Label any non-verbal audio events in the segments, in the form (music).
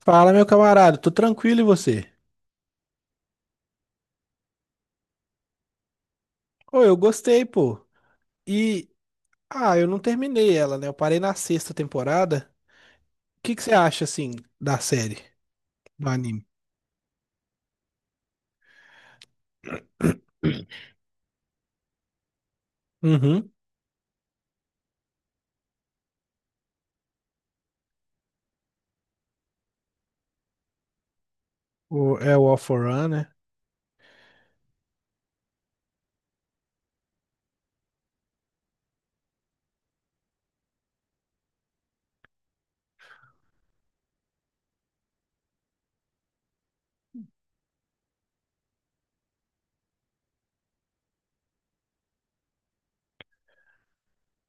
Fala, meu camarada, tô tranquilo e você? Ô, eu gostei, pô. E, eu não terminei ela, né? Eu parei na sexta temporada. O que que você acha, assim, da série, do anime? Uhum. O, é o All For One, né?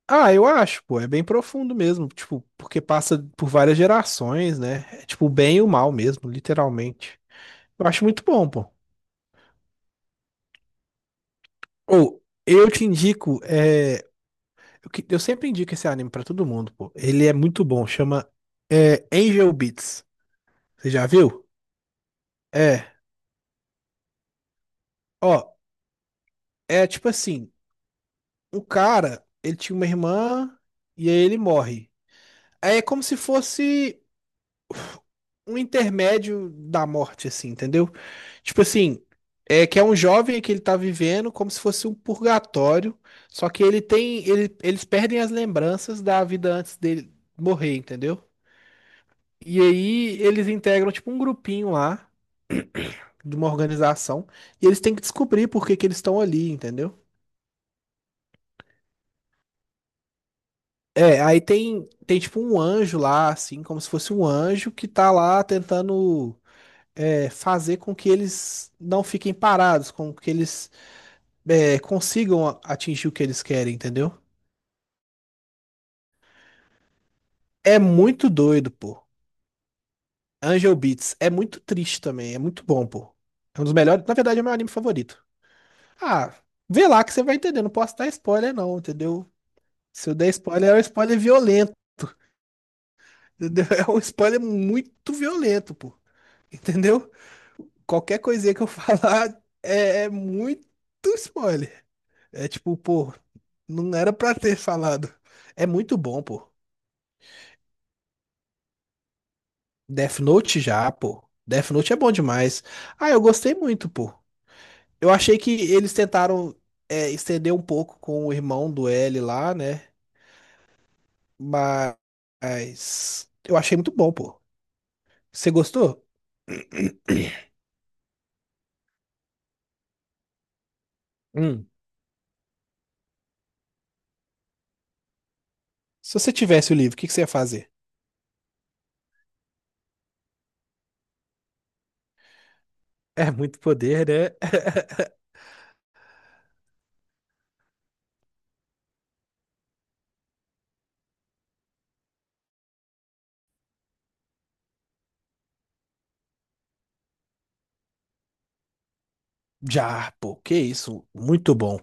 Ah, eu acho, pô, é bem profundo mesmo, tipo, porque passa por várias gerações, né? É tipo o bem e o mal mesmo, literalmente. Eu acho muito bom, pô. Ou, eu te indico, eu sempre indico esse anime pra todo mundo, pô. Ele é muito bom, chama Angel Beats. Você já viu? É, ó, é tipo assim, o cara, ele tinha uma irmã e aí ele morre. Aí é como se fosse um intermédio da morte, assim, entendeu? Tipo assim, é que é um jovem que ele tá vivendo como se fosse um purgatório, só que eles perdem as lembranças da vida antes dele morrer, entendeu? E aí eles integram tipo um grupinho lá de uma organização e eles têm que descobrir por que que eles estão ali, entendeu? É, tem tipo um anjo lá, assim, como se fosse um anjo que tá lá tentando fazer com que eles não fiquem parados, com que eles consigam atingir o que eles querem, entendeu? É muito doido, pô. Angel Beats é muito triste também, é muito bom, pô. É um dos melhores, na verdade é o meu anime favorito. Ah, vê lá que você vai entender, não posso dar spoiler não, entendeu? Se eu der spoiler, é um spoiler violento, entendeu? (laughs) É um spoiler muito violento, pô. Entendeu? Qualquer coisinha que eu (laughs) falar é muito spoiler. É tipo, pô, não era pra ter falado. É muito bom, pô. Death Note já, pô. Death Note é bom demais. Ah, eu gostei muito, pô. Eu achei que eles tentaram estender um pouco com o irmão do L lá, né? Mas eu achei muito bom, pô. Você gostou? Hum. Se você tivesse o livro, o que que você ia fazer? É muito poder, né? (laughs) Já, pô, que isso, muito bom.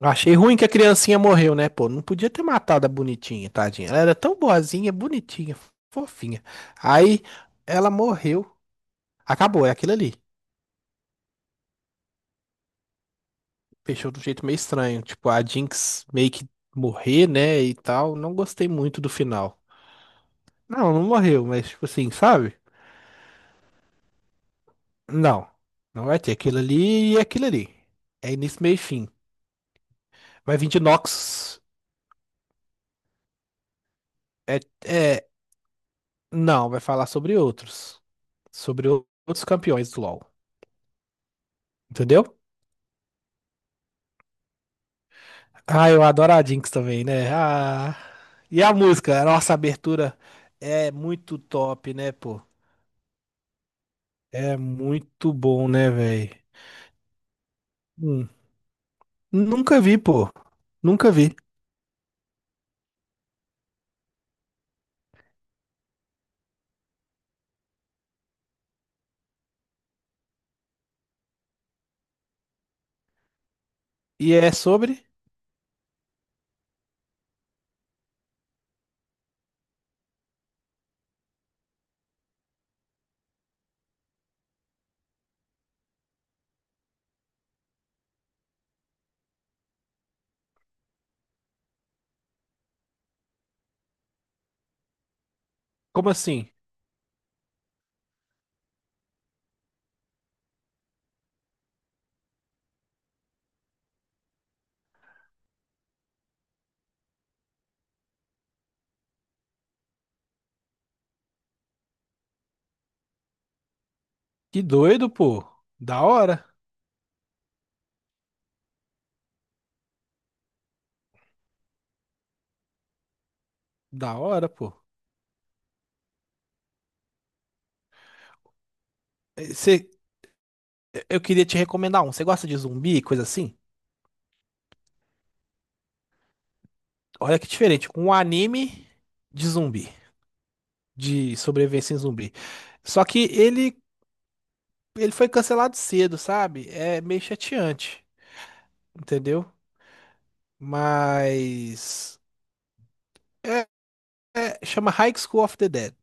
Achei ruim que a criancinha morreu, né? Pô, não podia ter matado a bonitinha, tadinha. Ela era tão boazinha, bonitinha, fofinha. Aí ela morreu. Acabou, é aquilo ali. Fechou de um jeito meio estranho. Tipo, a Jinx meio que morrer, né? E tal. Não gostei muito do final. Não, não morreu, mas tipo assim, sabe? Não. Não vai ter aquilo ali e aquilo ali. É início, meio e fim. Vai vir de Nox. É, é. Não, vai falar sobre outros. Sobre outros campeões do LoL. Entendeu? Ah, eu adoro a Jinx também, né? Ah, e a música, nossa, a abertura é muito top, né, pô? É muito bom, né, velho? Hum. Nunca vi, pô. Nunca vi. E é sobre? Como assim? Que doido, pô. Da hora. Da hora, pô. Eh, cê- eu queria te recomendar um. Você gosta de zumbi, e coisa assim? Olha que diferente. Um anime de zumbi. De sobrevivência em zumbi. Só que ele foi cancelado cedo, sabe? É meio chateante, entendeu? Mas é, chama High School of the Dead.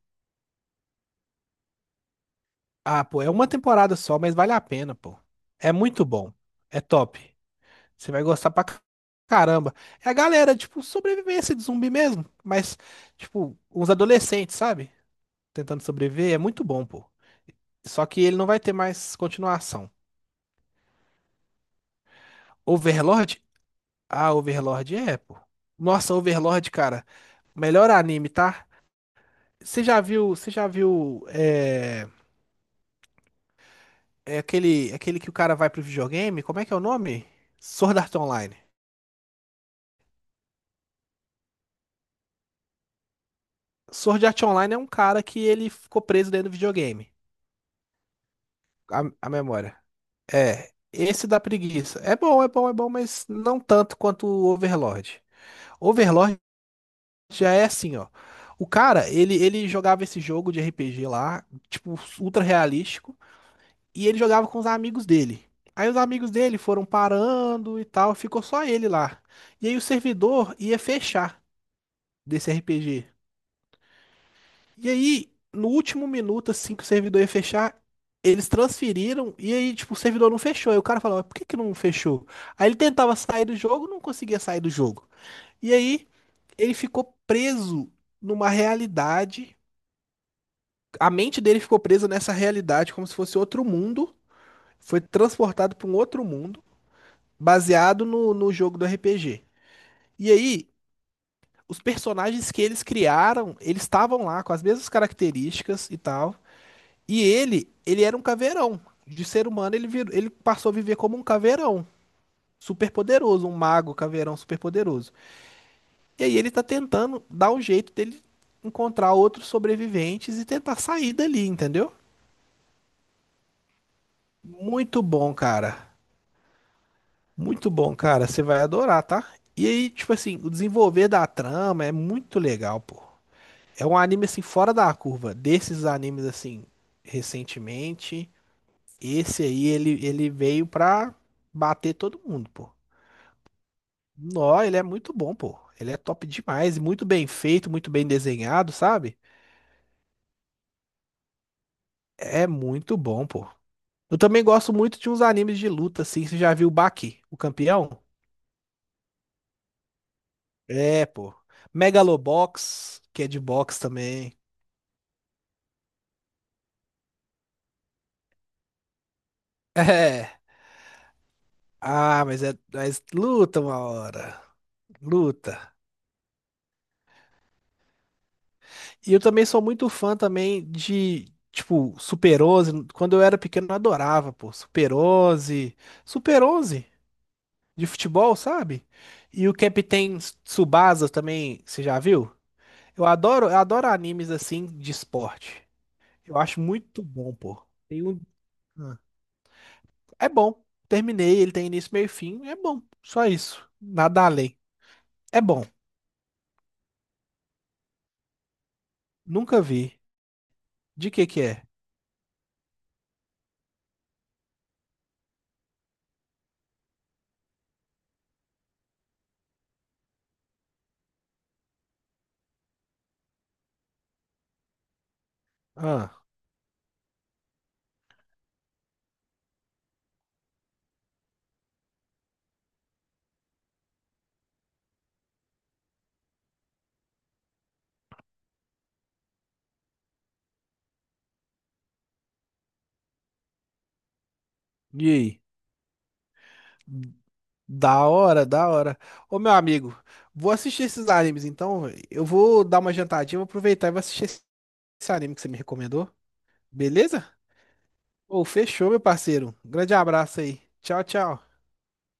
Ah, pô, é uma temporada só, mas vale a pena, pô. É muito bom. É top. Você vai gostar pra caramba. É a galera, tipo, sobrevivência de zumbi mesmo, mas tipo, uns adolescentes, sabe? Tentando sobreviver, é muito bom, pô. Só que ele não vai ter mais continuação. Overlord? Ah, Overlord é, pô. Nossa, Overlord, cara. Melhor anime, tá? Você já viu é aquele que o cara vai pro videogame? Como é que é o nome? Sword Art Online. Sword Art Online é um cara que ele ficou preso dentro do videogame. A memória. É, esse da preguiça. É bom, é bom, é bom, mas não tanto quanto o Overlord. Overlord já é assim, ó. O cara, ele jogava esse jogo de RPG lá, tipo, ultra realístico. E ele jogava com os amigos dele. Aí os amigos dele foram parando e tal, ficou só ele lá. E aí o servidor ia fechar desse RPG. E aí, no último minuto, assim que o servidor ia fechar, eles transferiram e aí, tipo, o servidor não fechou. Aí o cara falava, por que que não fechou? Aí ele tentava sair do jogo, não conseguia sair do jogo. E aí, ele ficou preso numa realidade. A mente dele ficou presa nessa realidade, como se fosse outro mundo. Foi transportado para um outro mundo, baseado no jogo do RPG. E aí, os personagens que eles criaram, eles estavam lá com as mesmas características e tal. E ele era um caveirão. De ser humano, ele passou a viver como um caveirão. Super poderoso, um mago caveirão super poderoso. E aí ele tá tentando dar um jeito dele encontrar outros sobreviventes e tentar sair dali, entendeu? Muito bom, cara. Muito bom, cara. Você vai adorar, tá? E aí, tipo assim, o desenvolver da trama é muito legal, pô. É um anime assim fora da curva. Desses animes assim recentemente, ele veio pra bater todo mundo, pô. Nó, ele é muito bom, pô. Ele é top demais, e muito bem feito, muito bem desenhado, sabe? É muito bom, pô. Eu também gosto muito de uns animes de luta, assim. Você já viu o Baki, o campeão? É, pô. Megalobox, que é de boxe também. (laughs) É. Ah, mas é, mas luta uma hora. Luta. E eu também sou muito fã também de, tipo, Super Onze. Quando eu era pequeno, eu adorava, pô. Super Onze de futebol, sabe? E o Capitão Tsubasa também, você já viu? Eu adoro animes assim de esporte. Eu acho muito bom, pô. Tem um... Ah, é bom. Terminei, ele tem início, meio e fim. É bom. Só isso. Nada além. É bom. Nunca vi. De que é? Ah, e aí? Da hora, da hora. Ô, meu amigo, vou assistir esses animes então, véi. Eu vou dar uma jantadinha, vou aproveitar e vou assistir esse anime que você me recomendou. Beleza? Ô, fechou, meu parceiro. Grande abraço aí. Tchau, tchau.